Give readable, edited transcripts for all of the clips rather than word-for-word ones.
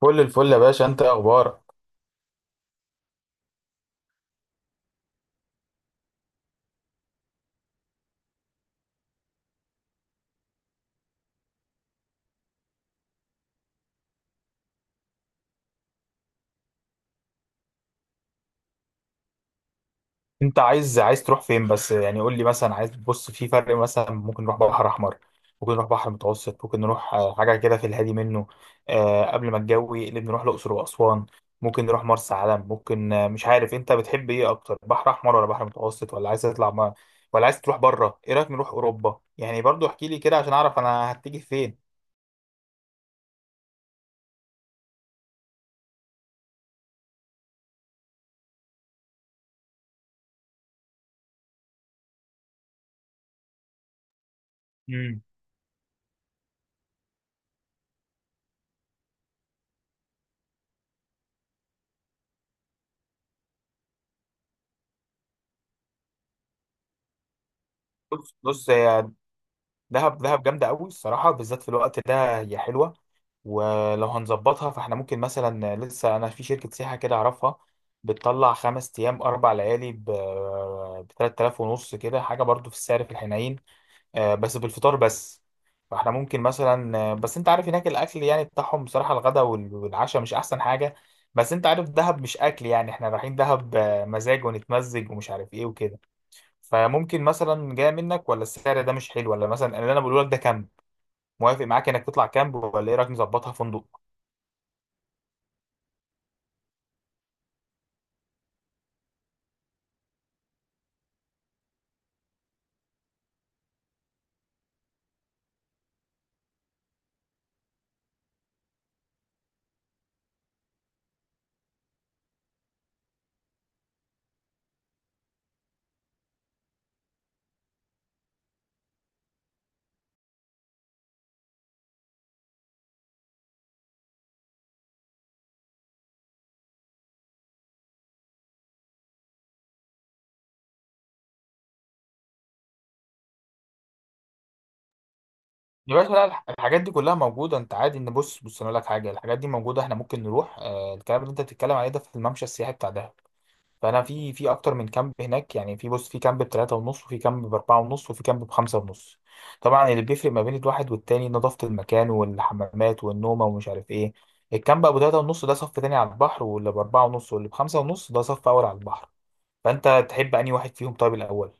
كل الفل يا باشا، انت ايه اخبارك؟ انت عايز تروح فين بس؟ يعني قول لي، مثلا عايز تبص في فرق. مثلا ممكن نروح بحر احمر، ممكن نروح بحر متوسط، ممكن نروح حاجه كده في الهادي منه. قبل ما الجو يقلب نروح الاقصر واسوان. ممكن نروح مرسى علم. ممكن مش عارف انت بتحب ايه اكتر، بحر احمر ولا بحر متوسط، ولا عايز تطلع ما، ولا عايز تروح بره؟ ايه رايك نروح اوروبا؟ يعني برضو احكي لي كده عشان اعرف انا هتيجي فين. مم. بص بص، هي دهب دهب جامده قوي الصراحه، بالذات في الوقت ده هي حلوه. ولو هنظبطها فاحنا ممكن مثلا، لسه انا في شركة سياحة كده اعرفها، بتطلع 5 ايام 4 ليالي ب 3000 ونص، كده حاجة برضو في السعر في الحنين. بس بالفطار بس. فاحنا ممكن مثلا، بس انت عارف هناك الاكل يعني بتاعهم، بصراحة الغداء والعشاء مش احسن حاجة. بس انت عارف دهب مش اكل، يعني احنا رايحين دهب مزاج ونتمزج ومش عارف ايه وكده. فممكن مثلا، جاي منك ولا السعر ده مش حلو، ولا مثلا اللي انا بقوله لك ده كامب؟ موافق معاك انك تطلع كامب، ولا ايه رايك نظبطها فندق؟ يا باشا لا، الحاجات دي كلها موجودة. انت عادي ان بص بص، انا اقول لك حاجة، الحاجات دي موجودة. احنا ممكن نروح. الكلام اللي انت بتتكلم عليه ده في الممشى السياحي بتاع دهب. فانا في اكتر من كامب هناك، يعني في، بص، في كامب بتلاتة ونص وفي كامب باربعة ونص وفي كامب بخمسة ونص. طبعا، اللي بيفرق ما بين الواحد والتاني نظافة المكان والحمامات والنومة ومش عارف ايه. الكامب ابو تلاتة ونص ده صف تاني على البحر، واللي باربعة ونص واللي بخمسة ونص ده صف اول على البحر. فانت تحب انهي واحد فيهم؟ طيب الاول.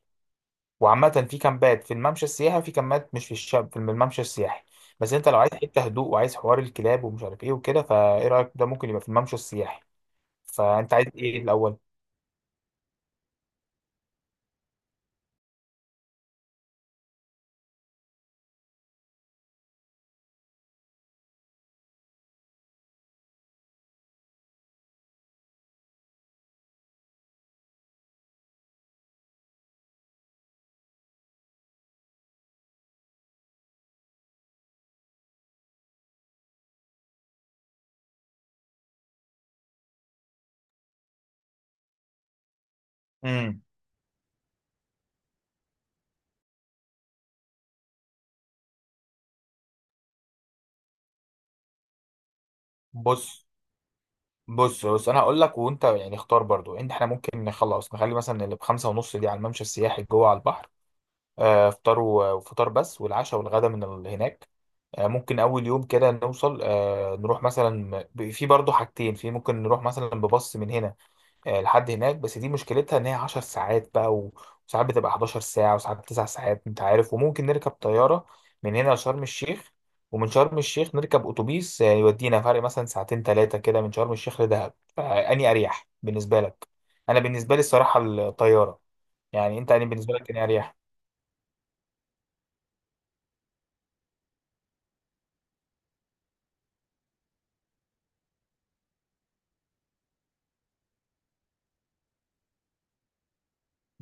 وعامة، في كامبات في الممشى السياحي وفي كامبات مش في الشاب في الممشى السياحي. بس انت لو عايز حتة هدوء وعايز حوار الكلاب ومش عارف ايه وكده، فايه رأيك؟ ده ممكن يبقى في الممشى السياحي. فانت عايز ايه الاول؟ امم بص بص بص، انا هقول لك وانت يعني اختار برضو ان احنا ممكن نخلص، نخلي مثلا اللي بخمسة ونص دي على الممشى السياحي جوه على البحر. فطار وفطار بس، والعشاء والغدا من هناك. ممكن اول يوم كده نوصل، نروح مثلا، في برضو حاجتين، في ممكن نروح مثلا بباص من هنا لحد هناك، بس دي مشكلتها ان هي 10 ساعات بقى، وساعات بتبقى 11 ساعة وساعات 9 ساعات، انت عارف. وممكن نركب طيارة من هنا لشرم الشيخ، ومن شرم الشيخ نركب اتوبيس يودينا فرق مثلا ساعتين ثلاثة كده من شرم الشيخ لدهب، فأني اريح بالنسبة لك. انا بالنسبة لي الصراحة الطيارة. يعني انت، يعني بالنسبة لك اني اريح؟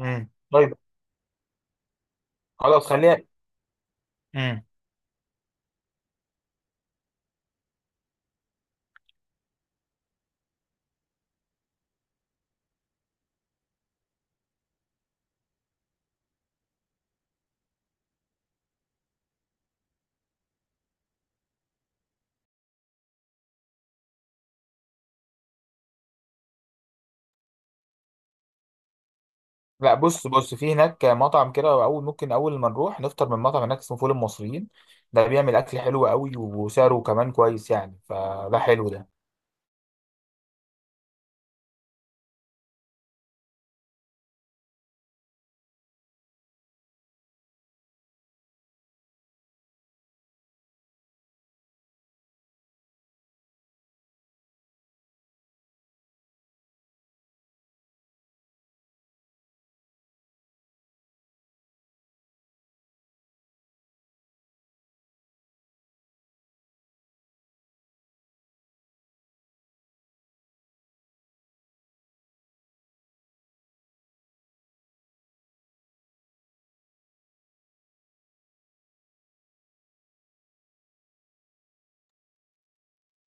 امم، طيب. خلاص، خليها. امم. لا، بص بص، في هناك مطعم كده اول. ممكن اول ما نروح نفطر من مطعم هناك اسمه فول المصريين. ده بيعمل اكل حلو قوي وسعره كمان كويس، يعني فده حلو.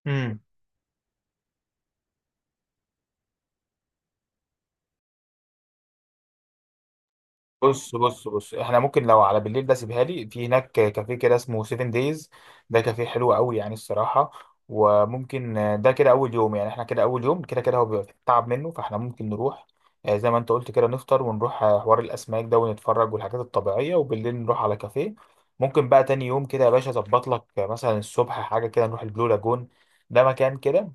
ده بص بص بص، احنا ممكن لو على بالليل ده سيبها لي، في هناك كافيه كده اسمه 7 دايز. ده كافيه حلو قوي يعني الصراحة. وممكن، ده كده اول يوم، يعني احنا كده اول يوم كده كده هو بيبقى تعب منه، فاحنا ممكن نروح زي ما انت قلت كده، نفطر ونروح حوار الاسماك ده ونتفرج والحاجات الطبيعية، وبالليل نروح على كافيه. ممكن بقى تاني يوم كده يا باشا اظبط لك، مثلا الصبح حاجة كده نروح البلو لاجون. ده مكان كده.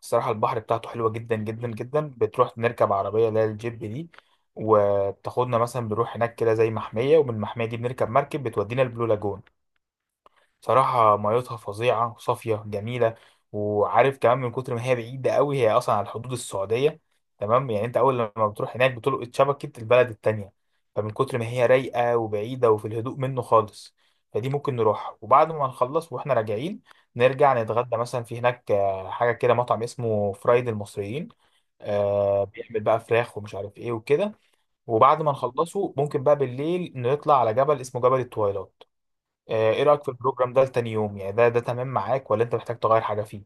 الصراحة البحر بتاعته حلوة جدا جدا جدا. بتروح نركب عربية اللي هي الجيب دي، وبتاخدنا مثلا، بنروح هناك كده زي محمية، ومن المحمية دي بنركب مركب بتودينا البلو لاجون. صراحة ميتها فظيعة، صافية، جميلة. وعارف كمان، من كتر ما هي بعيدة قوي هي أصلا على حدود السعودية. تمام، يعني أنت أول لما بتروح هناك بتلقط شبكة البلد التانية. فمن كتر ما هي رايقة وبعيدة وفي الهدوء منه خالص. فدي ممكن نروح، وبعد ما نخلص وإحنا راجعين نرجع نتغدى مثلا في هناك، حاجة كده مطعم اسمه فرايد المصريين. بيعمل بقى فراخ ومش عارف إيه وكده. وبعد ما نخلصه ممكن بقى بالليل نطلع على جبل اسمه جبل التويلات. ايه رأيك في البروجرام ده لتاني يوم؟ يعني ده تمام معاك ولا انت محتاج تغير حاجة فيه؟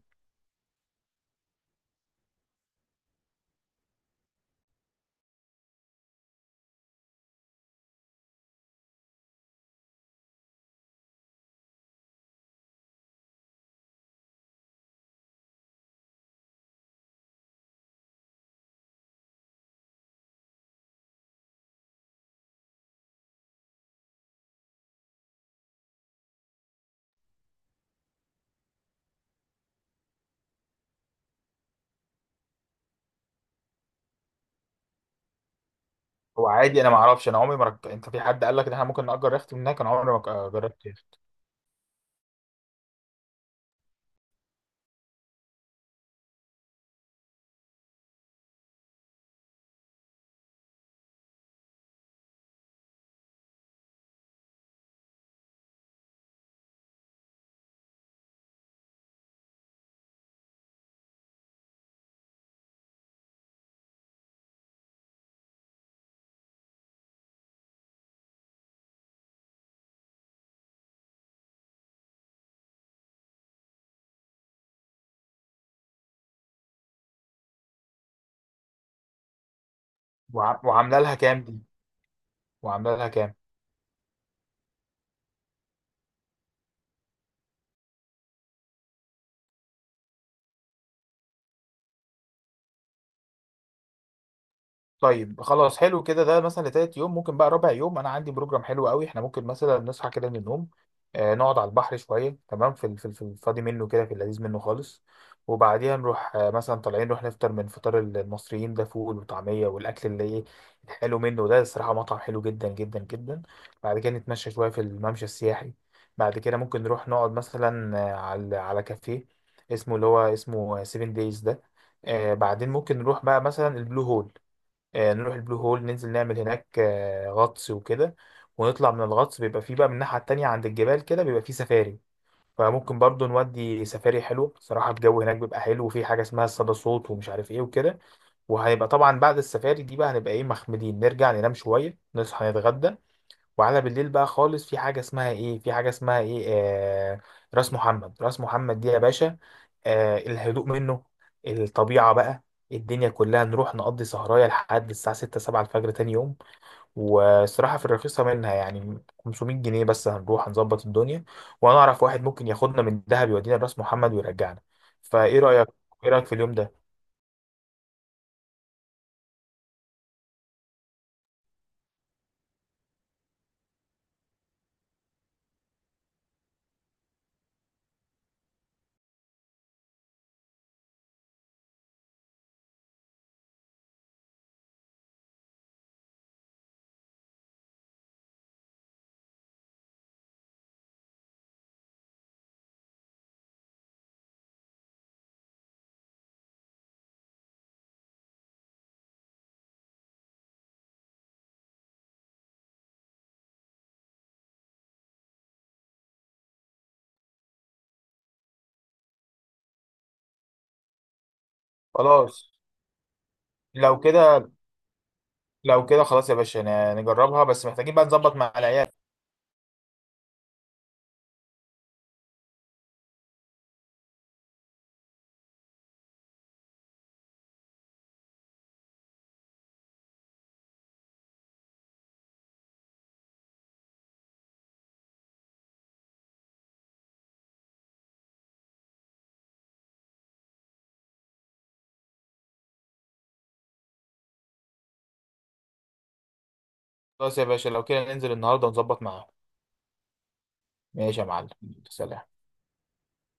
هو عادي، انا ما اعرفش، انا عمري ما انت في حد قال لك ان احنا ممكن نأجر يخت من هناك؟ انا عمري ما جربت يخت. وعامله لها كام دي؟ وعامله لها كام؟ طيب خلاص، حلو كده. ده مثلا لتالت يوم. ممكن بقى رابع يوم انا عندي بروجرام حلو قوي، احنا ممكن مثلا نصحى كده من النوم، نقعد على البحر شويه، تمام، في الفاضي منه كده، في اللذيذ منه خالص. وبعديها نروح مثلا طالعين نروح نفطر من فطار المصريين ده، فول وطعميه والاكل اللي ايه الحلو منه ده، الصراحه مطعم حلو جدا جدا جدا. بعد كده نتمشى شويه في الممشى السياحي. بعد كده ممكن نروح نقعد مثلا، على كافيه اسمه اللي هو اسمه 7 دايز ده. بعدين ممكن نروح بقى مثلا البلو هول. نروح البلو هول، ننزل نعمل هناك غطس وكده. ونطلع من الغطس، بيبقى فيه بقى من الناحية التانية عند الجبال كده بيبقى فيه سفاري. فممكن برضو نودي سفاري حلو، صراحة الجو هناك بيبقى حلو، وفي حاجة اسمها الصدى صوت ومش عارف ايه وكده. وهيبقى طبعا بعد السفاري دي بقى هنبقى ايه مخمدين، نرجع ننام شوية، نصحى نتغدى. وعلى بالليل بقى خالص في حاجة اسمها ايه، في حاجة اسمها ايه راس محمد، راس محمد دي يا باشا. الهدوء منه، الطبيعة بقى، الدنيا كلها. نروح نقضي سهراية لحد الساعة 6 7 الفجر تاني يوم. والصراحة في الرخيصة منها، يعني 500 جنيه بس، هنروح هنظبط الدنيا. وانا اعرف واحد ممكن ياخدنا من دهب يودينا راس محمد ويرجعنا. فايه رأيك؟ ايه رأيك في اليوم ده؟ خلاص. لو كده. لو كده خلاص يا باشا، نجربها، بس محتاجين بقى نظبط مع العيال. خلاص يا باشا، لو كده ننزل النهارده ونظبط معاهم. ماشي يا معلم. سلام.